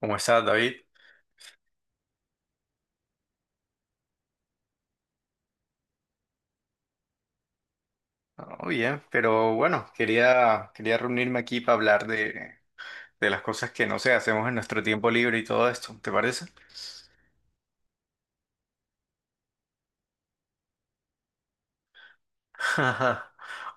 ¿Cómo estás, David? Oh, bien, pero bueno, quería reunirme aquí para hablar de las cosas que, no sé, hacemos en nuestro tiempo libre y todo esto, ¿te parece? Ajá.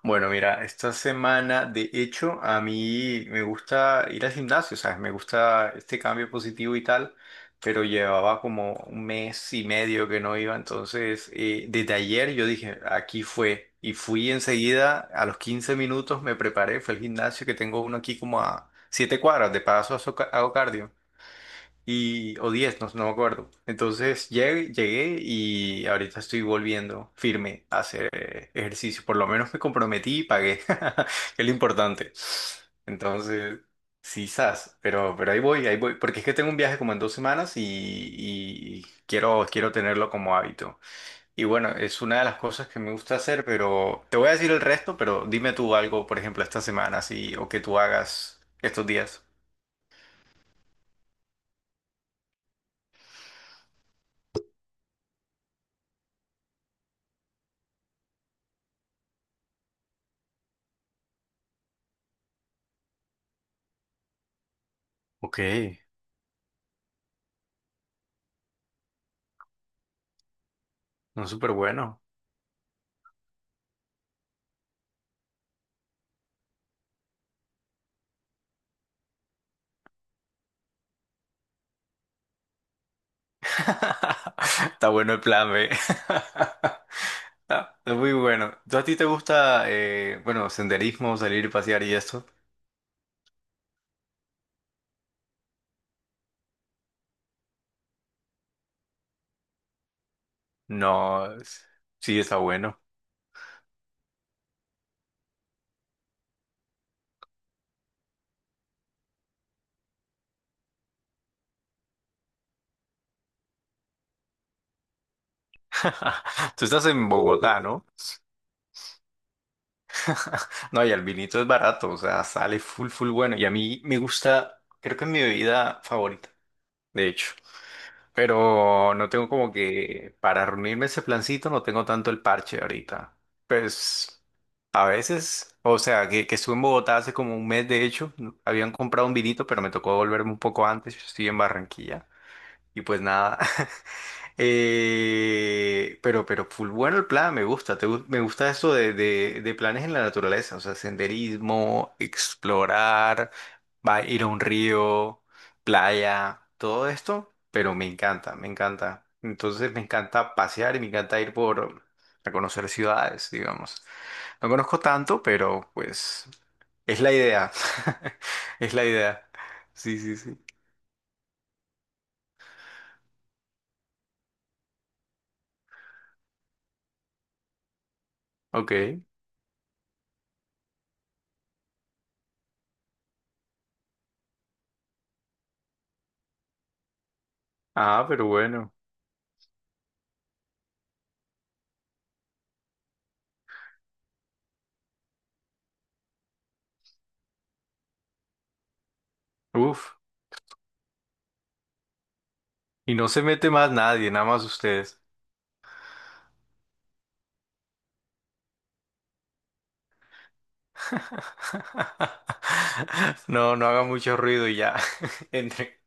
Bueno, mira, esta semana, de hecho, a mí me gusta ir al gimnasio, ¿sabes? Me gusta este cambio positivo y tal, pero llevaba como un mes y medio que no iba, entonces desde ayer yo dije, aquí fue, y fui enseguida, a los 15 minutos me preparé, fue al gimnasio que tengo uno aquí como a 7 cuadras, de paso hago cardio y, o 10 no, no me acuerdo. Entonces llegué y ahorita estoy volviendo firme a hacer ejercicio. Por lo menos me comprometí y pagué, que es lo importante. Entonces, sí, sas, pero ahí voy, porque es que tengo un viaje como en 2 semanas y quiero tenerlo como hábito. Y bueno, es una de las cosas que me gusta hacer, pero te voy a decir el resto, pero dime tú algo, por ejemplo, esta semana, así, o que tú hagas estos días. Ok, no, súper bueno. Está bueno el plan B. Ah, es muy bueno. ¿Tú a ti te gusta, bueno, senderismo, salir y pasear y esto? No, es- sí está bueno. Tú estás en Bogotá, ¿no? No, y el vinito es barato, o sea, sale full, full bueno. Y a mí me gusta, creo que es mi bebida favorita, de hecho. Pero no tengo como que, para reunirme ese plancito, no tengo tanto el parche ahorita. Pues a veces, o sea, que estuve en Bogotá hace como un mes, de hecho, habían comprado un vinito, pero me tocó volverme un poco antes, yo estoy en Barranquilla. Y pues nada, pero, full bueno el plan, me gusta. Me gusta eso de, de planes en la naturaleza, o sea, senderismo, explorar, va, ir a un río, playa, todo esto, pero me encanta, me encanta. Entonces me encanta pasear y me encanta ir por a conocer ciudades, digamos. No conozco tanto, pero pues es la idea. Es la idea. Sí, sí, sí. Ok. Ah, pero bueno. Uf. Y no se mete más nadie, nada más ustedes. No, no haga mucho ruido y ya. Entre.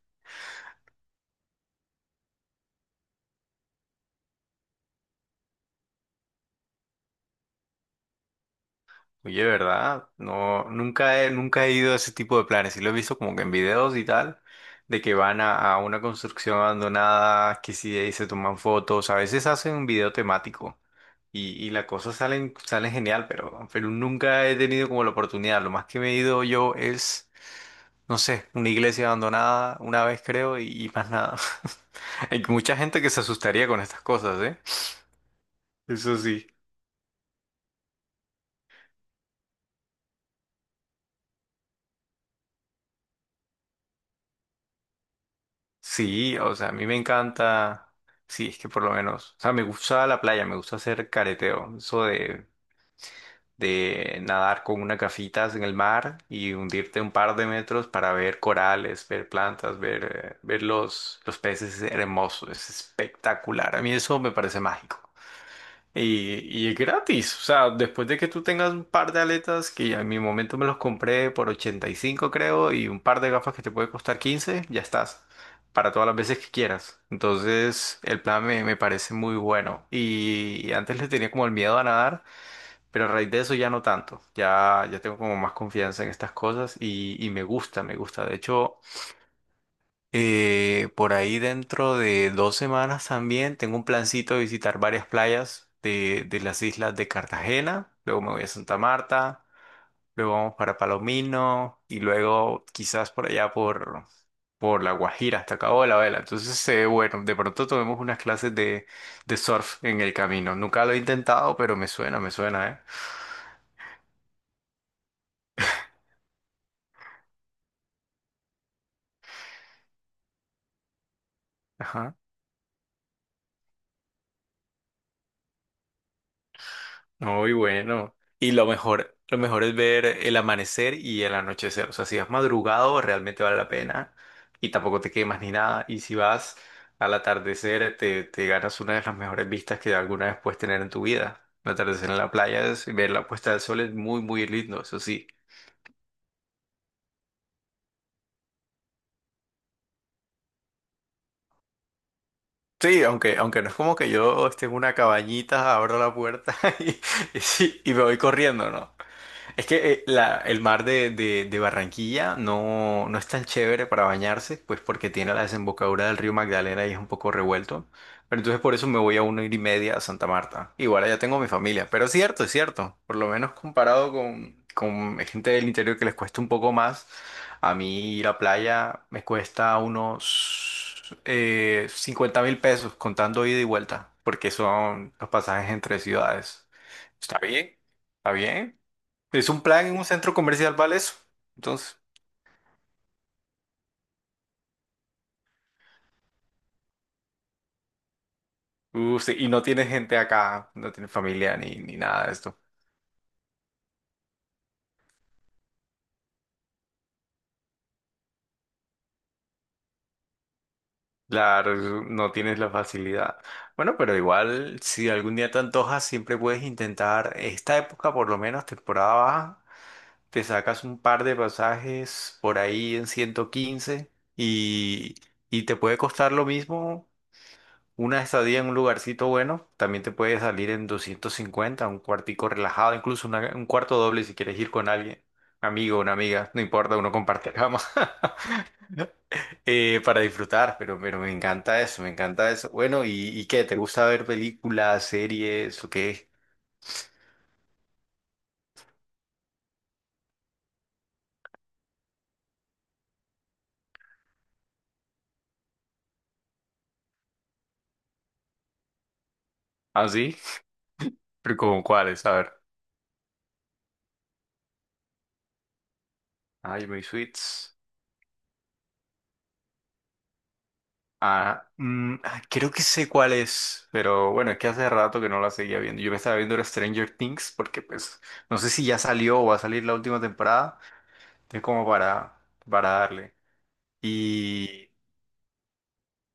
Oye, ¿verdad? No, nunca he ido a ese tipo de planes. Sí lo he visto como que en videos y tal, de que van a una construcción abandonada, que sí ahí se toman fotos. A veces hacen un video temático y las cosas salen genial, pero nunca he tenido como la oportunidad. Lo más que me he ido yo es no sé, una iglesia abandonada una vez creo y más nada. Hay mucha gente que se asustaría con estas cosas, ¿eh? Eso sí. Sí, o sea, a mí me encanta. Sí, es que por lo menos. O sea, me gusta la playa, me gusta hacer careteo. Eso de nadar con una gafitas en el mar y hundirte un par de metros para ver corales, ver plantas, ver, ver los peces es hermoso, es espectacular. A mí eso me parece mágico. Y es gratis, o sea, después de que tú tengas un par de aletas, que en mi momento me los compré por 85 creo, y un par de gafas que te puede costar 15 ya estás, para todas las veces que quieras. Entonces, el plan me parece muy bueno. Y antes le tenía como el miedo a nadar, pero a raíz de eso ya no tanto, ya tengo como más confianza en estas cosas y me gusta. De hecho... por ahí dentro de 2 semanas también tengo un plancito de visitar varias playas de las islas de Cartagena. Luego me voy a Santa Marta, luego vamos para Palomino y luego quizás por allá por La Guajira hasta Cabo de la Vela. Entonces, bueno, de pronto tomemos unas clases de surf en el camino. Nunca lo he intentado, pero me suena, ¿eh? Ajá. Muy bueno. Y lo mejor es ver el amanecer y el anochecer. O sea, si vas madrugado, realmente vale la pena. Y tampoco te quemas ni nada. Y si vas al atardecer, te ganas una de las mejores vistas que alguna vez puedes tener en tu vida. El atardecer en la playa, es, ver la puesta del sol es muy, muy lindo, eso sí. Sí, aunque no es como que yo esté en una cabañita, abro la puerta y sí, y me voy corriendo, ¿no? Es que el mar de, de Barranquilla no, no es tan chévere para bañarse, pues porque tiene la desembocadura del río Magdalena y es un poco revuelto. Pero entonces por eso me voy a una hora y media a Santa Marta. Igual allá tengo mi familia. Pero es cierto, es cierto. Por lo menos comparado con gente del interior que les cuesta un poco más. A mí ir a playa me cuesta unos 50 mil pesos contando ida y vuelta. Porque son los pasajes entre ciudades. Está bien, está bien. Es un plan en un centro comercial, ¿vale eso? Entonces, sí, y no tienes gente acá, no tienes familia ni, ni nada de esto. Claro, no tienes la facilidad. Bueno, pero igual, si algún día te antojas, siempre puedes intentar esta época, por lo menos temporada baja, te sacas un par de pasajes por ahí en 115 y, y te puede costar lo mismo una estadía en un lugarcito bueno también te puede salir en 250 un cuartico relajado, incluso un cuarto doble si quieres ir con alguien, amigo, una amiga, no importa, uno comparte cama para disfrutar, pero me encanta eso, me encanta eso. Bueno, y qué? ¿Te gusta ver películas, series o qué? ¿Ah, sí? ¿Pero como cuáles? A ver. Ay, mis suites. Ah, mm, ah, creo que sé cuál es, pero bueno, es que hace rato que no la seguía viendo. Yo me estaba viendo era Stranger Things porque pues no sé si ya salió o va a salir la última temporada, es como para darle. Y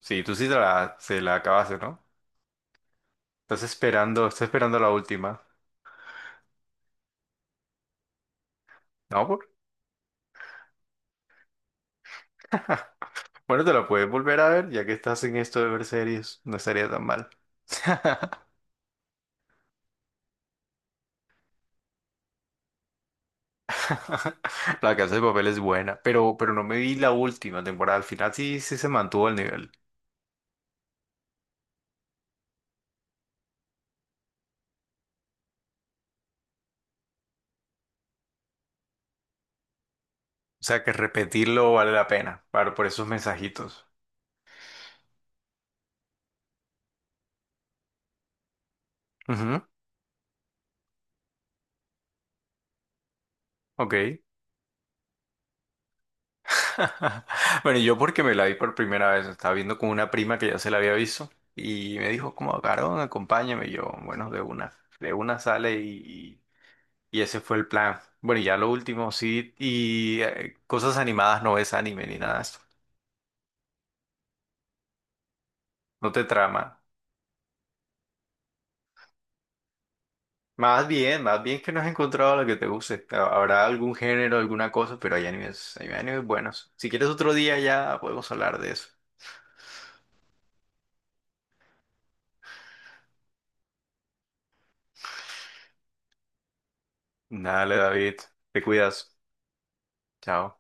sí, tú sí se la acabaste, ¿no? Estás esperando la última. No, por... Bueno, te la puedes volver a ver, ya que estás en esto de ver series, no estaría tan mal. La Casa de Papel es buena, pero no me vi la última temporada. Al final sí, sí se mantuvo al nivel. O sea, que repetirlo vale la pena para, por esos mensajitos. Ujú, ok. Bueno, yo porque me la vi por primera vez, estaba viendo con una prima que ya se la había visto y me dijo como, Carón, acompáñame. Y yo, bueno, de una sale y ese fue el plan. Bueno, y ya lo último, sí, y cosas animadas no ves anime ni nada de esto. No te trama. Más bien que no has encontrado lo que te guste. Habrá algún género, alguna cosa, pero hay animes buenos. Si quieres otro día ya podemos hablar de eso. Dale, David, te cuidas. Chao.